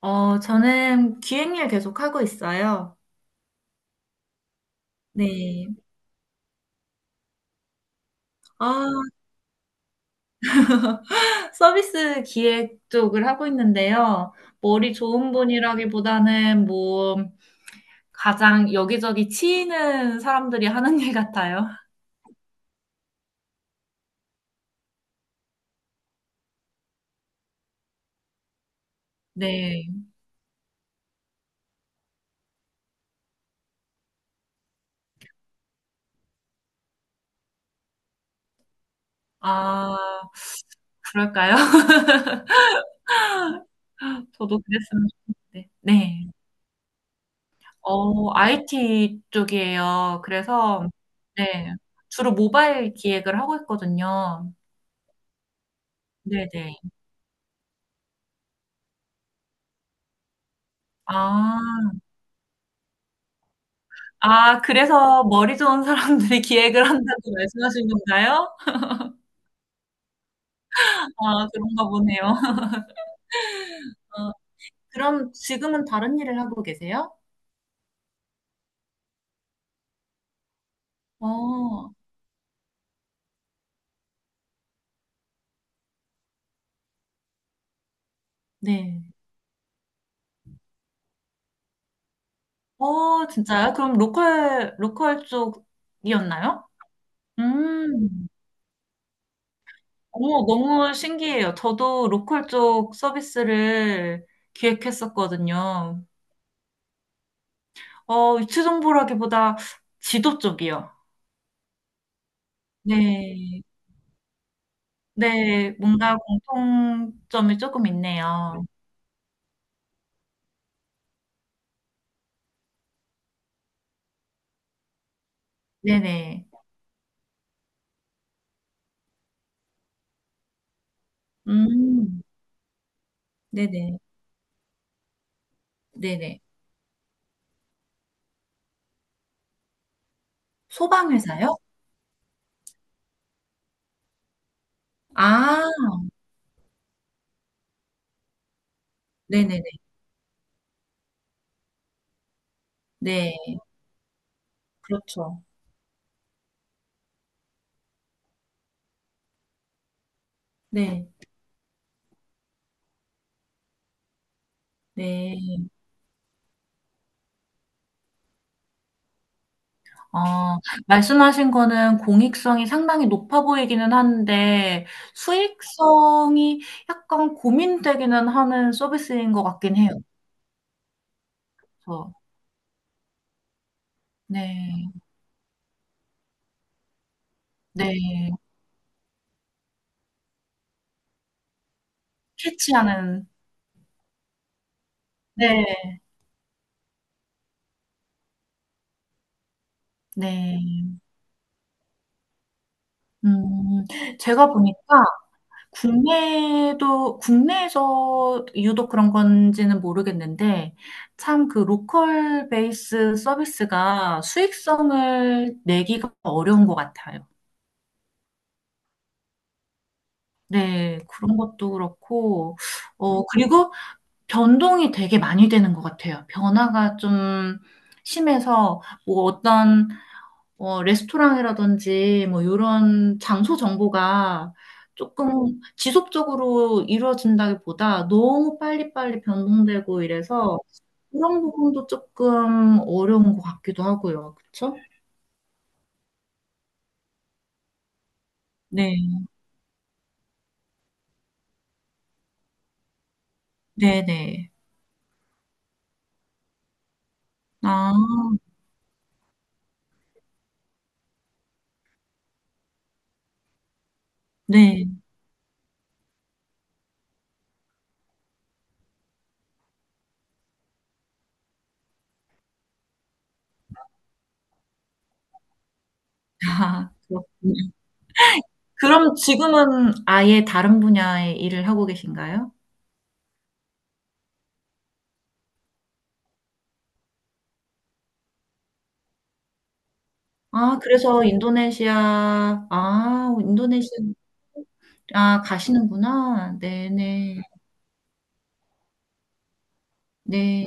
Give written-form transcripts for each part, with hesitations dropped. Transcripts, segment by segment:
저는 기획일 계속 하고 있어요. 네. 아, 서비스 기획 쪽을 하고 있는데요. 머리 좋은 분이라기보다는 가장 여기저기 치이는 사람들이 하는 일 같아요. 네. 아, 그럴까요? 저도 그랬으면 좋겠는데. 네. 어, IT 쪽이에요. 그래서, 네. 주로 모바일 기획을 하고 있거든요. 네네. 아. 아 그래서 머리 좋은 사람들이 기획을 한다고 말씀하신 건가요? 아 그런가 보네요. 어 그럼 지금은 다른 일을 하고 계세요? 어 네. 어 진짜요? 그럼 로컬 쪽이었나요? 음. 오, 너무 신기해요. 저도 로컬 쪽 서비스를 기획했었거든요. 어 위치 정보라기보다 지도 쪽이요. 네. 네. 뭔가 공통점이 조금 있네요. 네네. 음. 네네. 네네. 소방회사요? 아. 네네네. 네. 그렇죠. 네. 네. 어 말씀하신 거는 공익성이 상당히 높아 보이기는 한데 수익성이 약간 고민되기는 하는 서비스인 것 같긴 해요. 그래서 네. 네. 캐치하는 네. 네. 음. 제가 보니까 국내도, 국내에서 유독 그런 건지는 모르겠는데, 참 그 로컬 베이스 서비스가 수익성을 내기가 어려운 것 같아요. 네, 그런 것도 그렇고, 어, 그리고 변동이 되게 많이 되는 것 같아요. 변화가 좀 심해서, 뭐 어떤 어, 레스토랑이라든지 뭐 이런 장소 정보가 조금 지속적으로 이루어진다기보다 너무 빨리빨리 변동되고 이래서 그런 부분도 조금 어려운 것 같기도 하고요. 그쵸? 네, 네네. 아, 네. 아, 그렇군요. 그럼 지금은 아예 다른 분야의 일을 하고 계신가요? 아, 그래서 인도네시아, 아, 인도네시아, 아, 가시는구나. 네네. 네.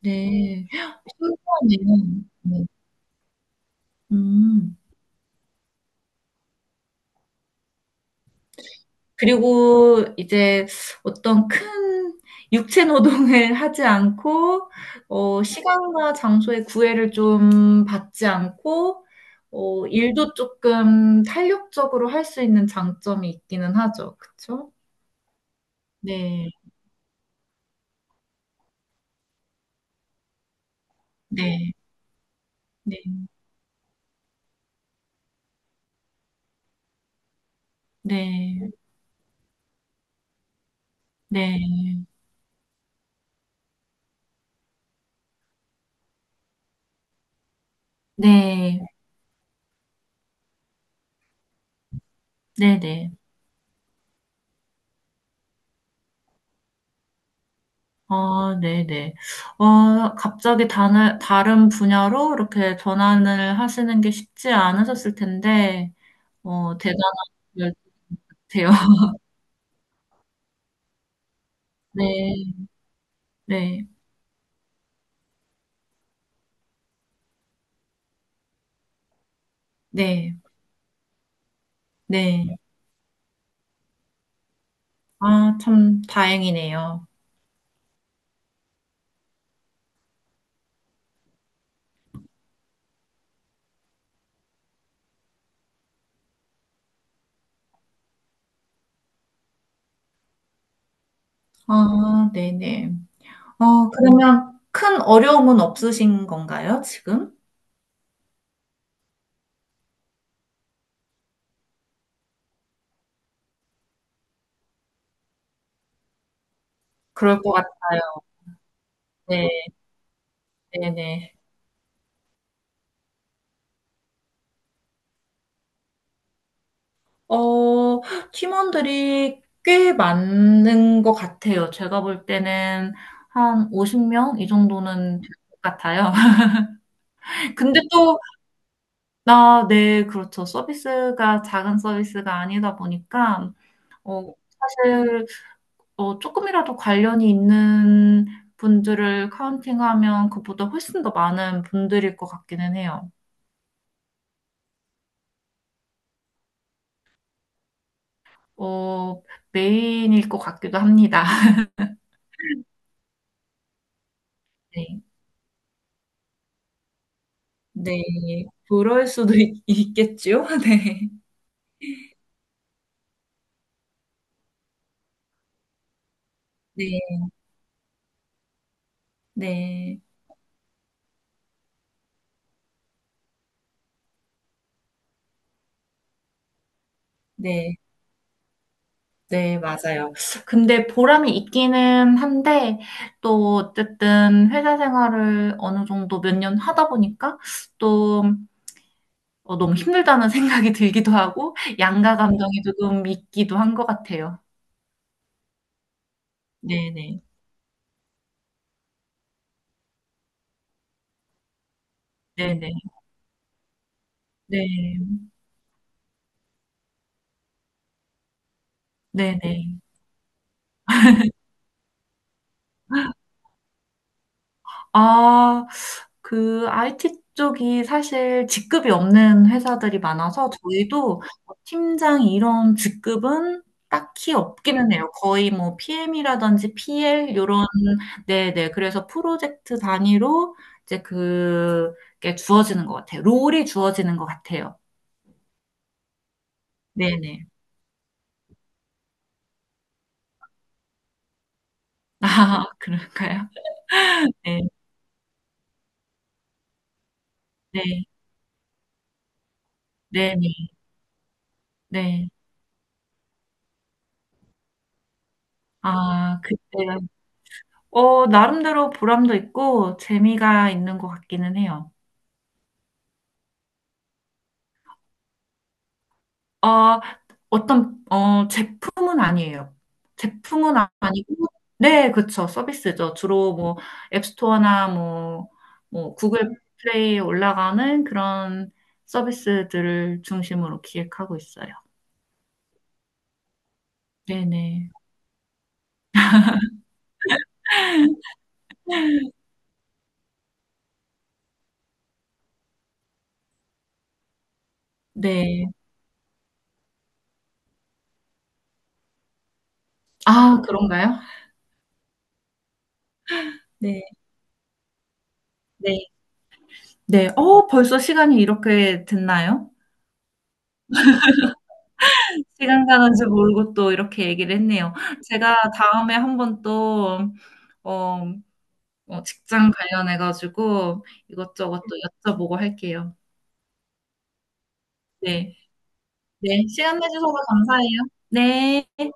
네. 신기하네요. 네. 음. 그리고 이제 어떤 큰 육체 노동을 하지 않고 어 시간과 장소의 구애를 좀 받지 않고 어 일도 조금 탄력적으로 할 수 있는 장점이 있기는 하죠. 그쵸? 네. 네. 네. 네. 네. 네. 네네. 아, 네네. 어, 갑자기 다른 분야로 이렇게 전환을 하시는 게 쉽지 않으셨을 텐데, 어, 대단한 것 같아요. 네, 네, 네, 네. 아, 참 다행이네요. 아, 네네. 어, 그러면 큰 어려움은 없으신 건가요, 지금? 그럴 것 같아요. 네, 네네. 어, 팀원들이 꽤 많은 것 같아요. 제가 볼 때는 한 50명 이 정도는 될 것 같아요. 근데 또, 나, 네, 그렇죠. 서비스가 작은 서비스가 아니다 보니까, 어, 사실, 어, 조금이라도 관련이 있는 분들을 카운팅하면 그보다 훨씬 더 많은 분들일 것 같기는 해요. 어, 메인일 것 같기도 합니다. 네. 네. 그럴 수도 있겠죠. 네. 네. 네. 네. 네, 맞아요. 근데 보람이 있기는 한데, 또, 어쨌든, 회사 생활을 어느 정도 몇 년 하다 보니까, 또, 어, 너무 힘들다는 생각이 들기도 하고, 양가 감정이 조금 있기도 한 것 같아요. 네네. 네네. 네. 네네. 아, 그 IT 쪽이 사실 직급이 없는 회사들이 많아서 저희도 뭐 팀장 이런 직급은 딱히 없기는 해요. 거의 뭐 PM이라든지 PL 요런 네네. 그래서 프로젝트 단위로 이제 그게 주어지는 것 같아요. 롤이 주어지는 것 같아요. 네네. 아, 그런가요? 네, 네, 네, 네. 네. 아, 그때 어, 나름대로 보람도 있고 재미가 있는 것 같기는 해요. 어, 제품은 아니에요. 제품은 아니고, 네, 그쵸. 서비스죠. 주로 뭐, 앱스토어나 뭐, 뭐, 구글 플레이에 올라가는 그런 서비스들을 중심으로 기획하고 있어요. 네네. 네. 아, 그런가요? 네. 네. 네. 어, 벌써 시간이 이렇게 됐나요? 시간 가는 줄 모르고 또 이렇게 얘기를 했네요. 제가 다음에 한번 또, 어, 어, 직장 관련해가지고 이것저것 또 여쭤보고 할게요. 네. 네. 시간 내주셔서 감사해요. 네.